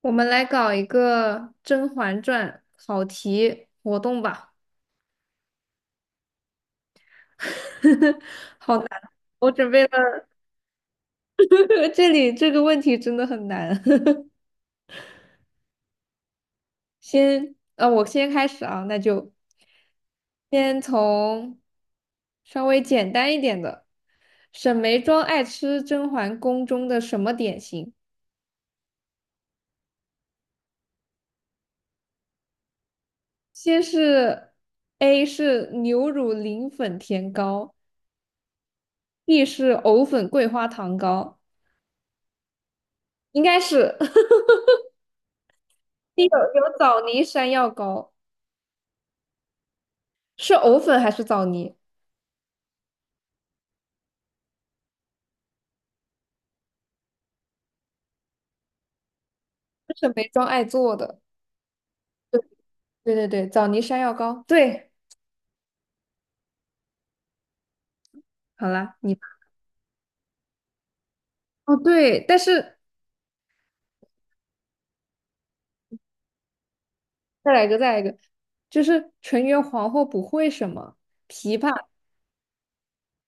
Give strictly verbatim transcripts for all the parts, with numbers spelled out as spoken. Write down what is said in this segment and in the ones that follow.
我们来搞一个《甄嬛传》考题活动吧。好难，我准备了，这里这个问题真的很难。先，呃，我先开始啊，那就先从稍微简单一点的。沈眉庄爱吃甄嬛宫中的什么点心？先是 A 是牛乳磷粉甜糕，B 是藕粉桂花糖糕，应该是。有有枣泥山药糕，是藕粉还是枣泥？这是梅庄爱做的。对对对，枣泥山药糕。对，好啦，你哦对，但是再来一个，再来一个，就是纯元皇后不会什么琵琶、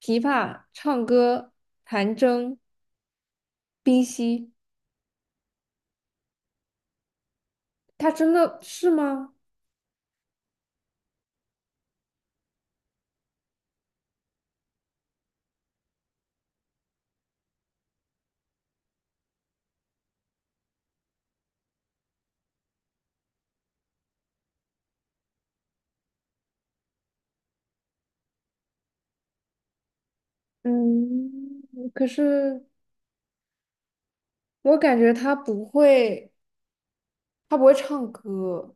琵琶、唱歌、弹筝、冰嬉，她真的是吗？嗯，可是我感觉她不会，她不会唱歌，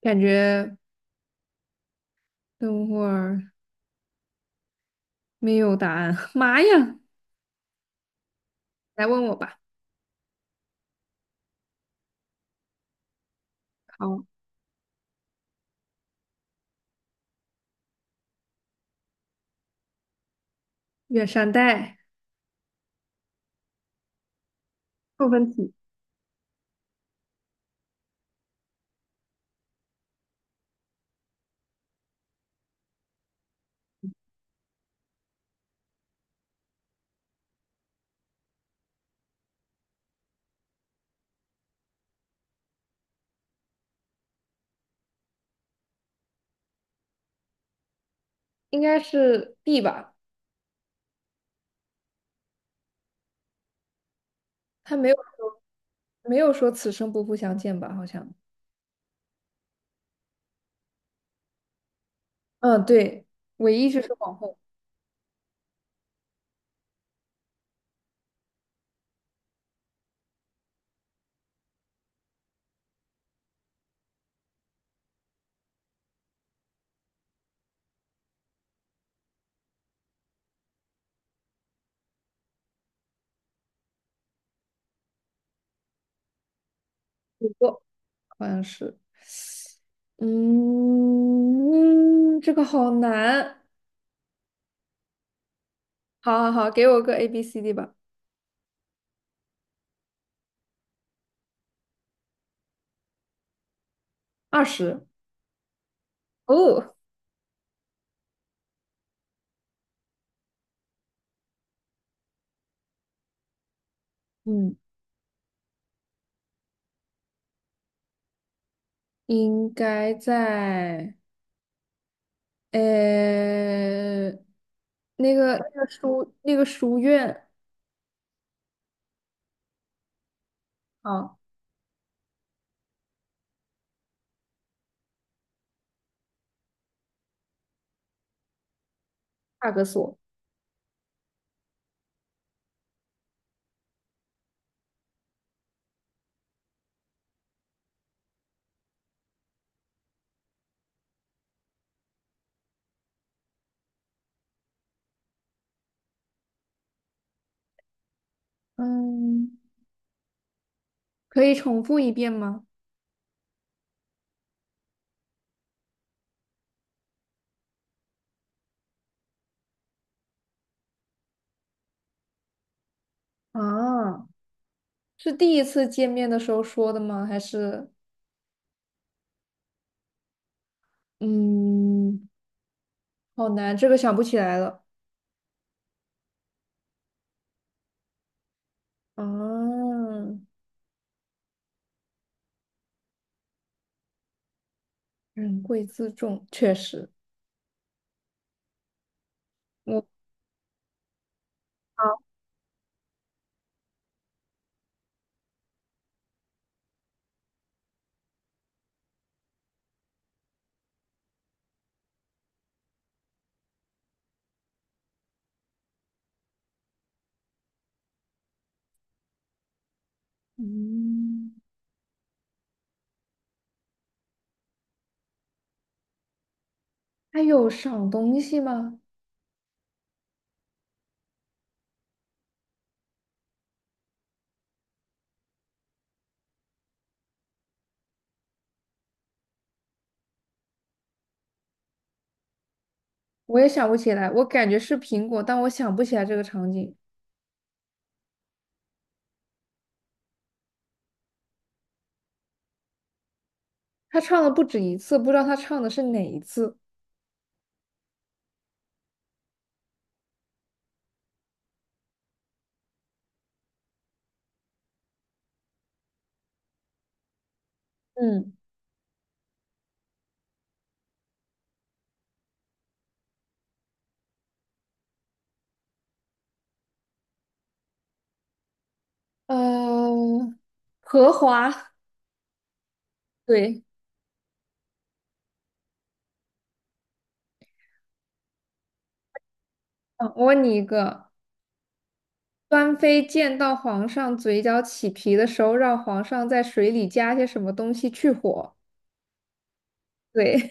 感觉等会儿没有答案。妈呀！来问我吧。好，远山黛部分体，应该是 B 吧？他没有说没有说此生不复相见吧？好像，嗯，对，唯一就是皇后，不过好像是。嗯，这个好难。好好好，给我个 A B C D 吧。二十哦，嗯，应该在呃那个那个书那个书院啊，帕格索。嗯。可以重复一遍吗？啊，是第一次见面的时候说的吗？还是嗯，好难，这个想不起来了。啊，人贵自重，确实，我好，嗯，还有赏东西吗？我也想不起来，我感觉是苹果，但我想不起来这个场景。他唱了不止一次，不知道他唱的是哪一次。嗯，呃，荷花。对，嗯，我问你一个，端妃见到皇上嘴角起皮的时候，让皇上在水里加些什么东西去火。对，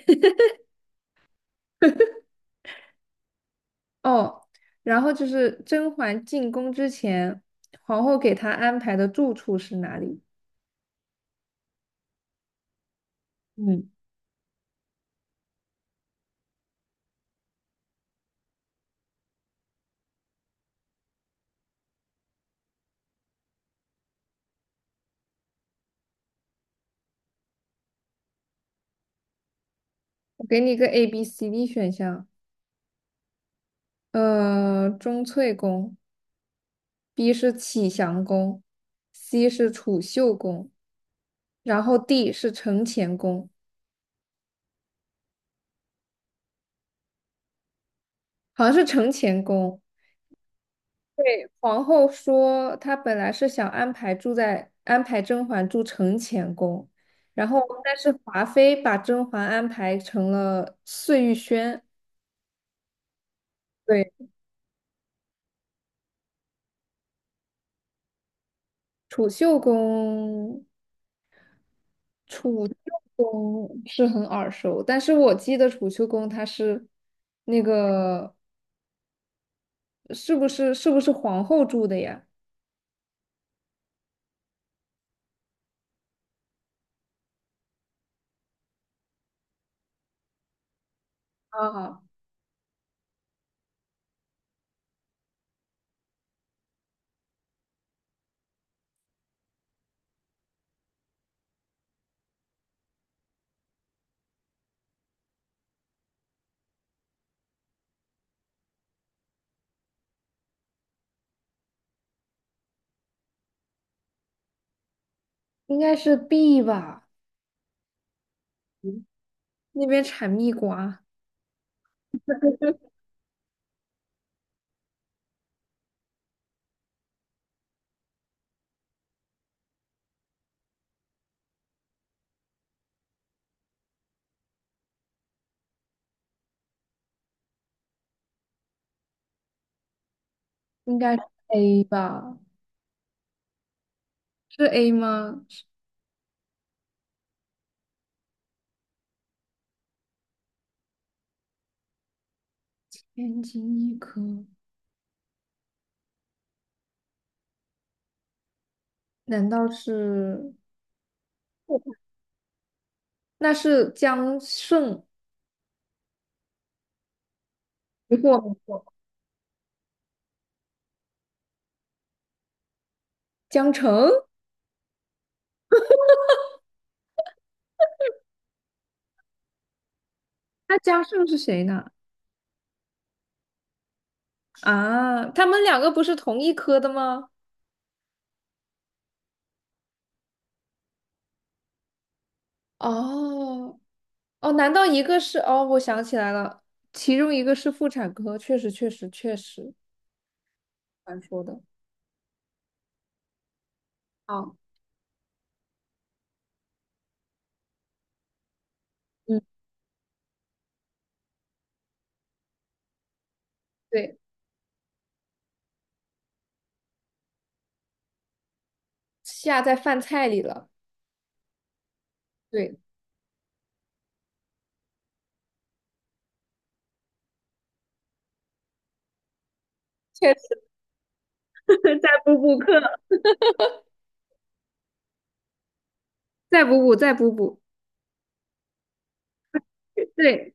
哦，然后就是甄嬛进宫之前，皇后给她安排的住处是哪里？嗯，我给你一个 A、B、C、D 选项，呃，钟粹宫，B 是启祥宫，C 是储秀宫，然后 D 是承乾宫，好像是承乾宫。对皇后说，她本来是想安排住在安排甄嬛住承乾宫，然后但是华妃把甄嬛安排成了碎玉轩。对，储秀宫，储秀宫是很耳熟，但是我记得储秀宫它是那个是不是是不是皇后住的呀？啊，应该是 B 吧，嗯那边产蜜瓜应该是 A 吧？是 A 吗？天津医科，难道是？那是江胜，没错没错江城，那江胜是谁呢？啊，他们两个不是同一科的吗？哦哦，难道一个是？哦，我想起来了，其中一个是妇产科，确实确实确实，传说的。啊，嗯，对，下在饭菜里了。对，确实 再补补课，再补补，再补补。对，